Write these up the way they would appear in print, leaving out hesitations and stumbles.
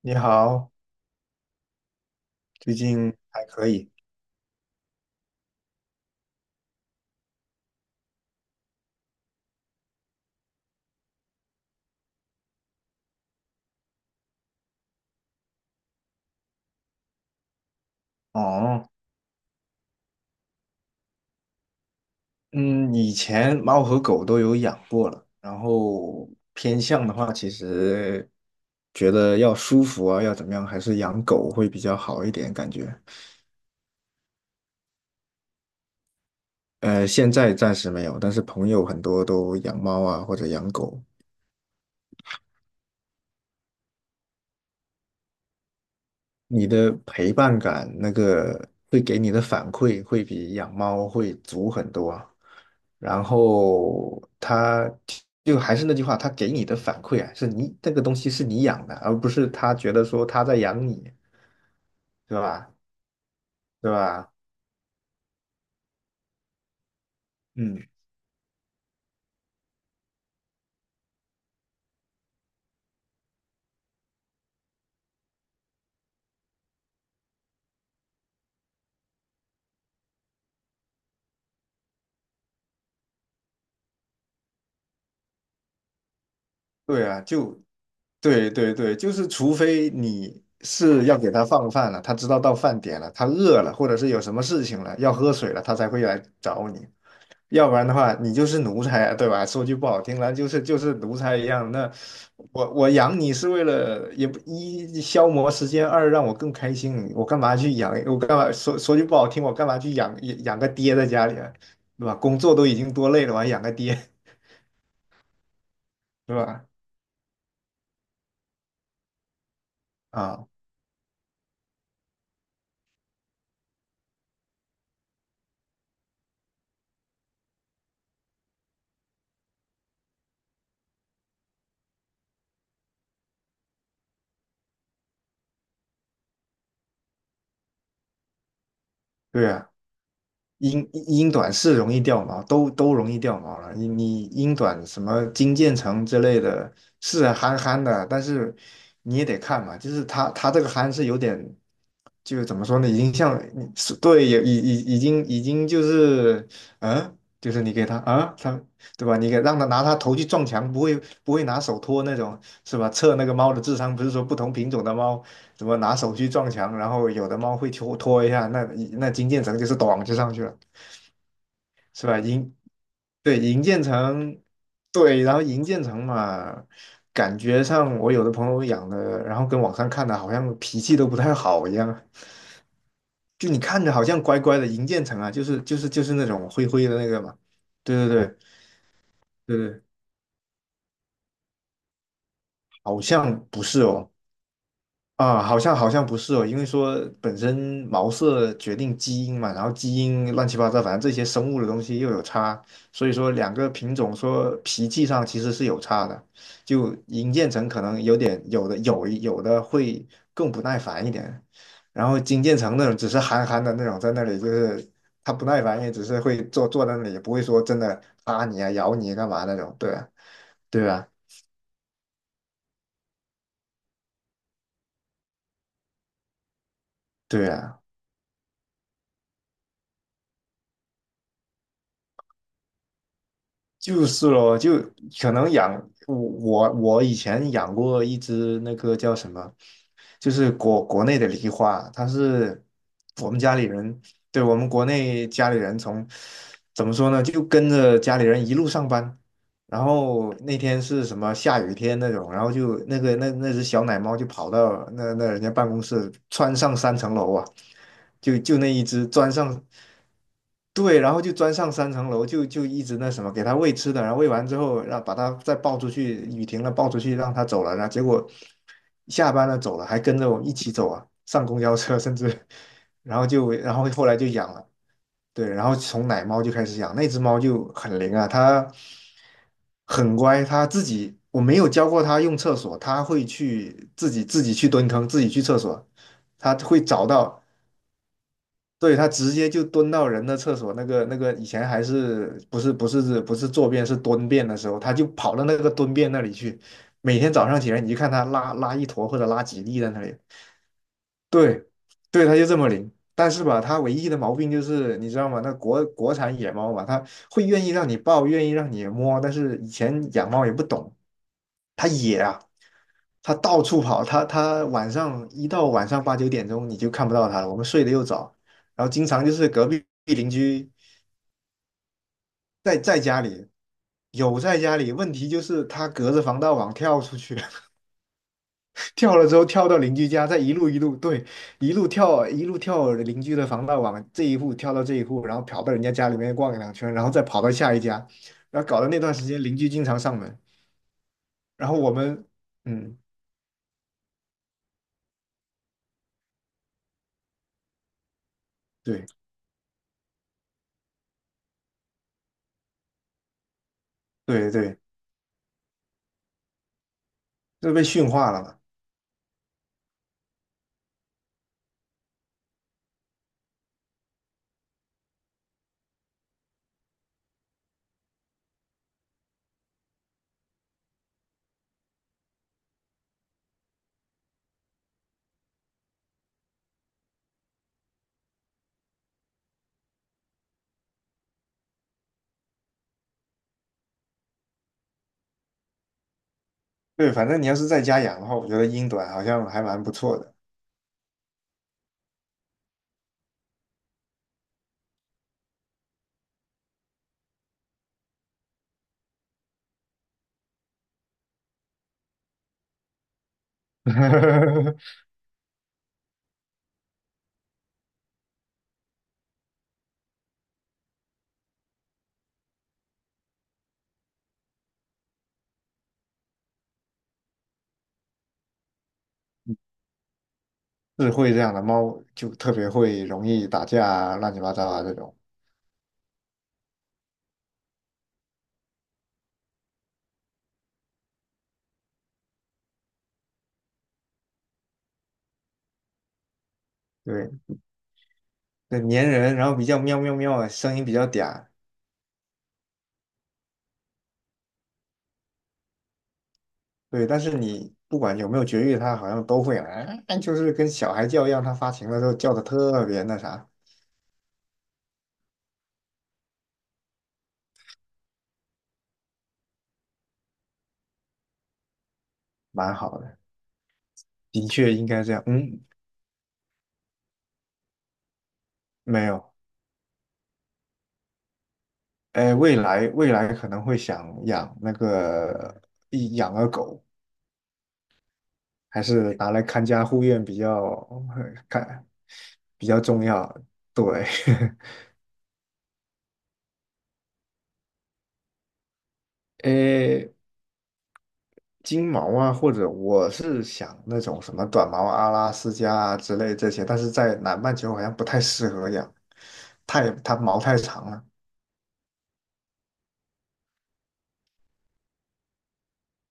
你好，最近还可以哦。嗯，以前猫和狗都有养过了，然后偏向的话，其实觉得要舒服啊，要怎么样，还是养狗会比较好一点，感觉。现在暂时没有，但是朋友很多都养猫啊，或者养狗。你的陪伴感，那个会给你的反馈会比养猫会足很多啊，然后它就还是那句话，它给你的反馈啊，是你这个东西是你养的，而不是它觉得说它在养你，对吧？对吧？嗯，对啊，就对对对，就是除非你是要给它放饭了，它知道到饭点了，它饿了，或者是有什么事情了，要喝水了，它才会来找你。要不然的话，你就是奴才啊，对吧？说句不好听的，就是奴才一样。那我养你是为了也不一消磨时间，二让我更开心。我干嘛去养？我干嘛说句不好听，我干嘛去养个爹在家里啊，对吧？工作都已经多累了，我还养个爹，对吧？啊，对啊。英短是容易掉毛，都容易掉毛了。你英短什么金渐层之类的，是憨憨的，但是你也得看嘛，就是它这个憨是有点，就是怎么说呢，已经像你是对，也已经就是，嗯，就是你给它啊，它对吧？你给让它拿它头去撞墙，不会拿手托那种，是吧？测那个猫的智商，不是说不同品种的猫。怎么拿手去撞墙，然后有的猫会拖拖一下，那金渐层就是咚就上去了。是吧？对，银渐层，对，然后银渐层嘛，感觉上我有的朋友养的，然后跟网上看的好像脾气都不太好一样，就你看着好像乖乖的银渐层啊，就是那种灰灰的那个嘛，对对对对对，好像不是哦。啊，好像不是哦，因为说本身毛色决定基因嘛，然后基因乱七八糟，反正这些生物的东西又有差，所以说两个品种说脾气上其实是有差的，就银渐层可能有点有的有有的会更不耐烦一点，然后金渐层那种只是憨憨的那种，在那里就是它不耐烦，也只是会坐坐在那里，也不会说真的拉你啊、咬你啊干嘛那种，对啊，对啊，对啊。就是咯，就可能养我以前养过一只那个叫什么，就是国内的梨花，它是我们家里人，对我们国内家里人从怎么说呢，就跟着家里人一路上班，然后那天是什么下雨天那种，然后就那个那只小奶猫就跑到那人家办公室，窜上三层楼啊，就那一只钻上。对，然后就钻上三层楼，就一直那什么，给它喂吃的，然后喂完之后，然后把它再抱出去，雨停了抱出去，让它走了，然后结果下班了走了，还跟着我一起走啊，上公交车甚至，然后就然后后来就养了，对，然后从奶猫就开始养，那只猫就很灵啊，它很乖，它自己我没有教过它用厕所，它会去自己去蹲坑，自己去厕所，它会找到。对，他直接就蹲到人的厕所，那个以前还是不是坐便是蹲便的时候，他就跑到那个蹲便那里去，每天早上起来你就看他拉拉一坨或者拉几粒在那里，对，对，它就这么灵。但是吧，它唯一的毛病就是，你知道吗？那国产野猫嘛，它会愿意让你抱，愿意让你摸，但是以前养猫也不懂，它野啊，它到处跑，它晚上一到晚上八九点钟你就看不到它了，我们睡得又早，然后经常就是隔壁邻居在家里有在家里，问题就是它隔着防盗网跳出去，跳了之后跳到邻居家，再一路一路对，一路跳一路跳邻居的防盗网，这一户跳到这一户，然后跑到人家家里面逛两圈，然后再跑到下一家，然后搞得那段时间邻居经常上门，然后我们嗯，对对对，就被驯化了嘛。对，反正你要是在家养的话，我觉得英短好像还蛮不错的，智慧这样的猫就特别会容易打架啊，乱七八糟啊这种。对，对，粘人，然后比较喵喵喵的，声音比较嗲，对，但是你不管有没有绝育，它好像都会来，哎就是跟小孩叫一样，它发情的时候叫的特别那啥，蛮好的，的确应该这样。嗯，没有，哎，未来可能会想养那个一养个狗，还是拿来看家护院比较 看比较重要。对，哎金毛啊，或者我是想那种什么短毛阿拉斯加啊之类这些，但是在南半球好像不太适合养，它毛太长了。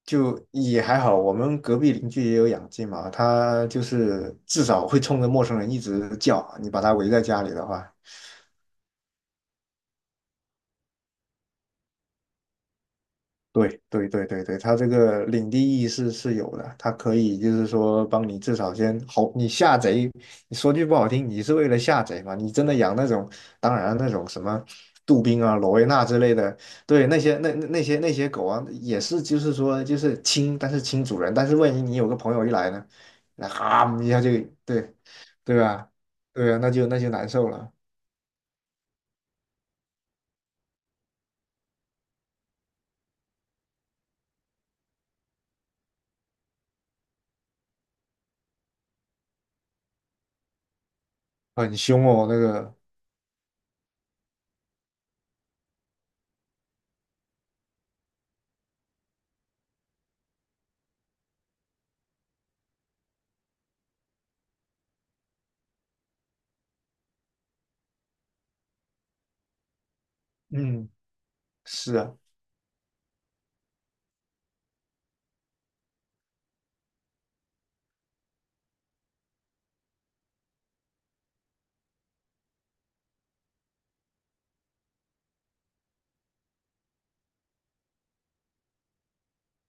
就也还好，我们隔壁邻居也有养金毛，它就是至少会冲着陌生人一直叫，你把它围在家里的话。对对对对对，它这个领地意识是有的，它可以就是说帮你至少先好，你下贼，你说句不好听，你是为了下贼嘛？你真的养那种，当然那种什么杜宾啊、罗威纳之类的，对那些那些狗啊，也是就是说就是亲，但是亲主人，但是万一你有个朋友一来呢，那哈一下就对对吧？对啊，那就难受了，很凶哦那个，嗯，是啊。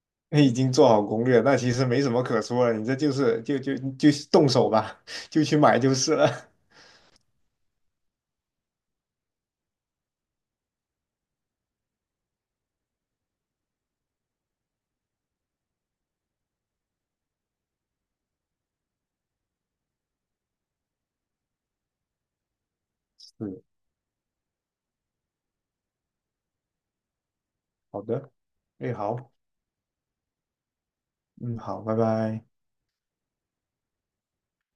你已经做好攻略，那其实没什么可说了，你这就是就动手吧，就去买就是了。是，好的，哎，好，嗯，好，拜拜。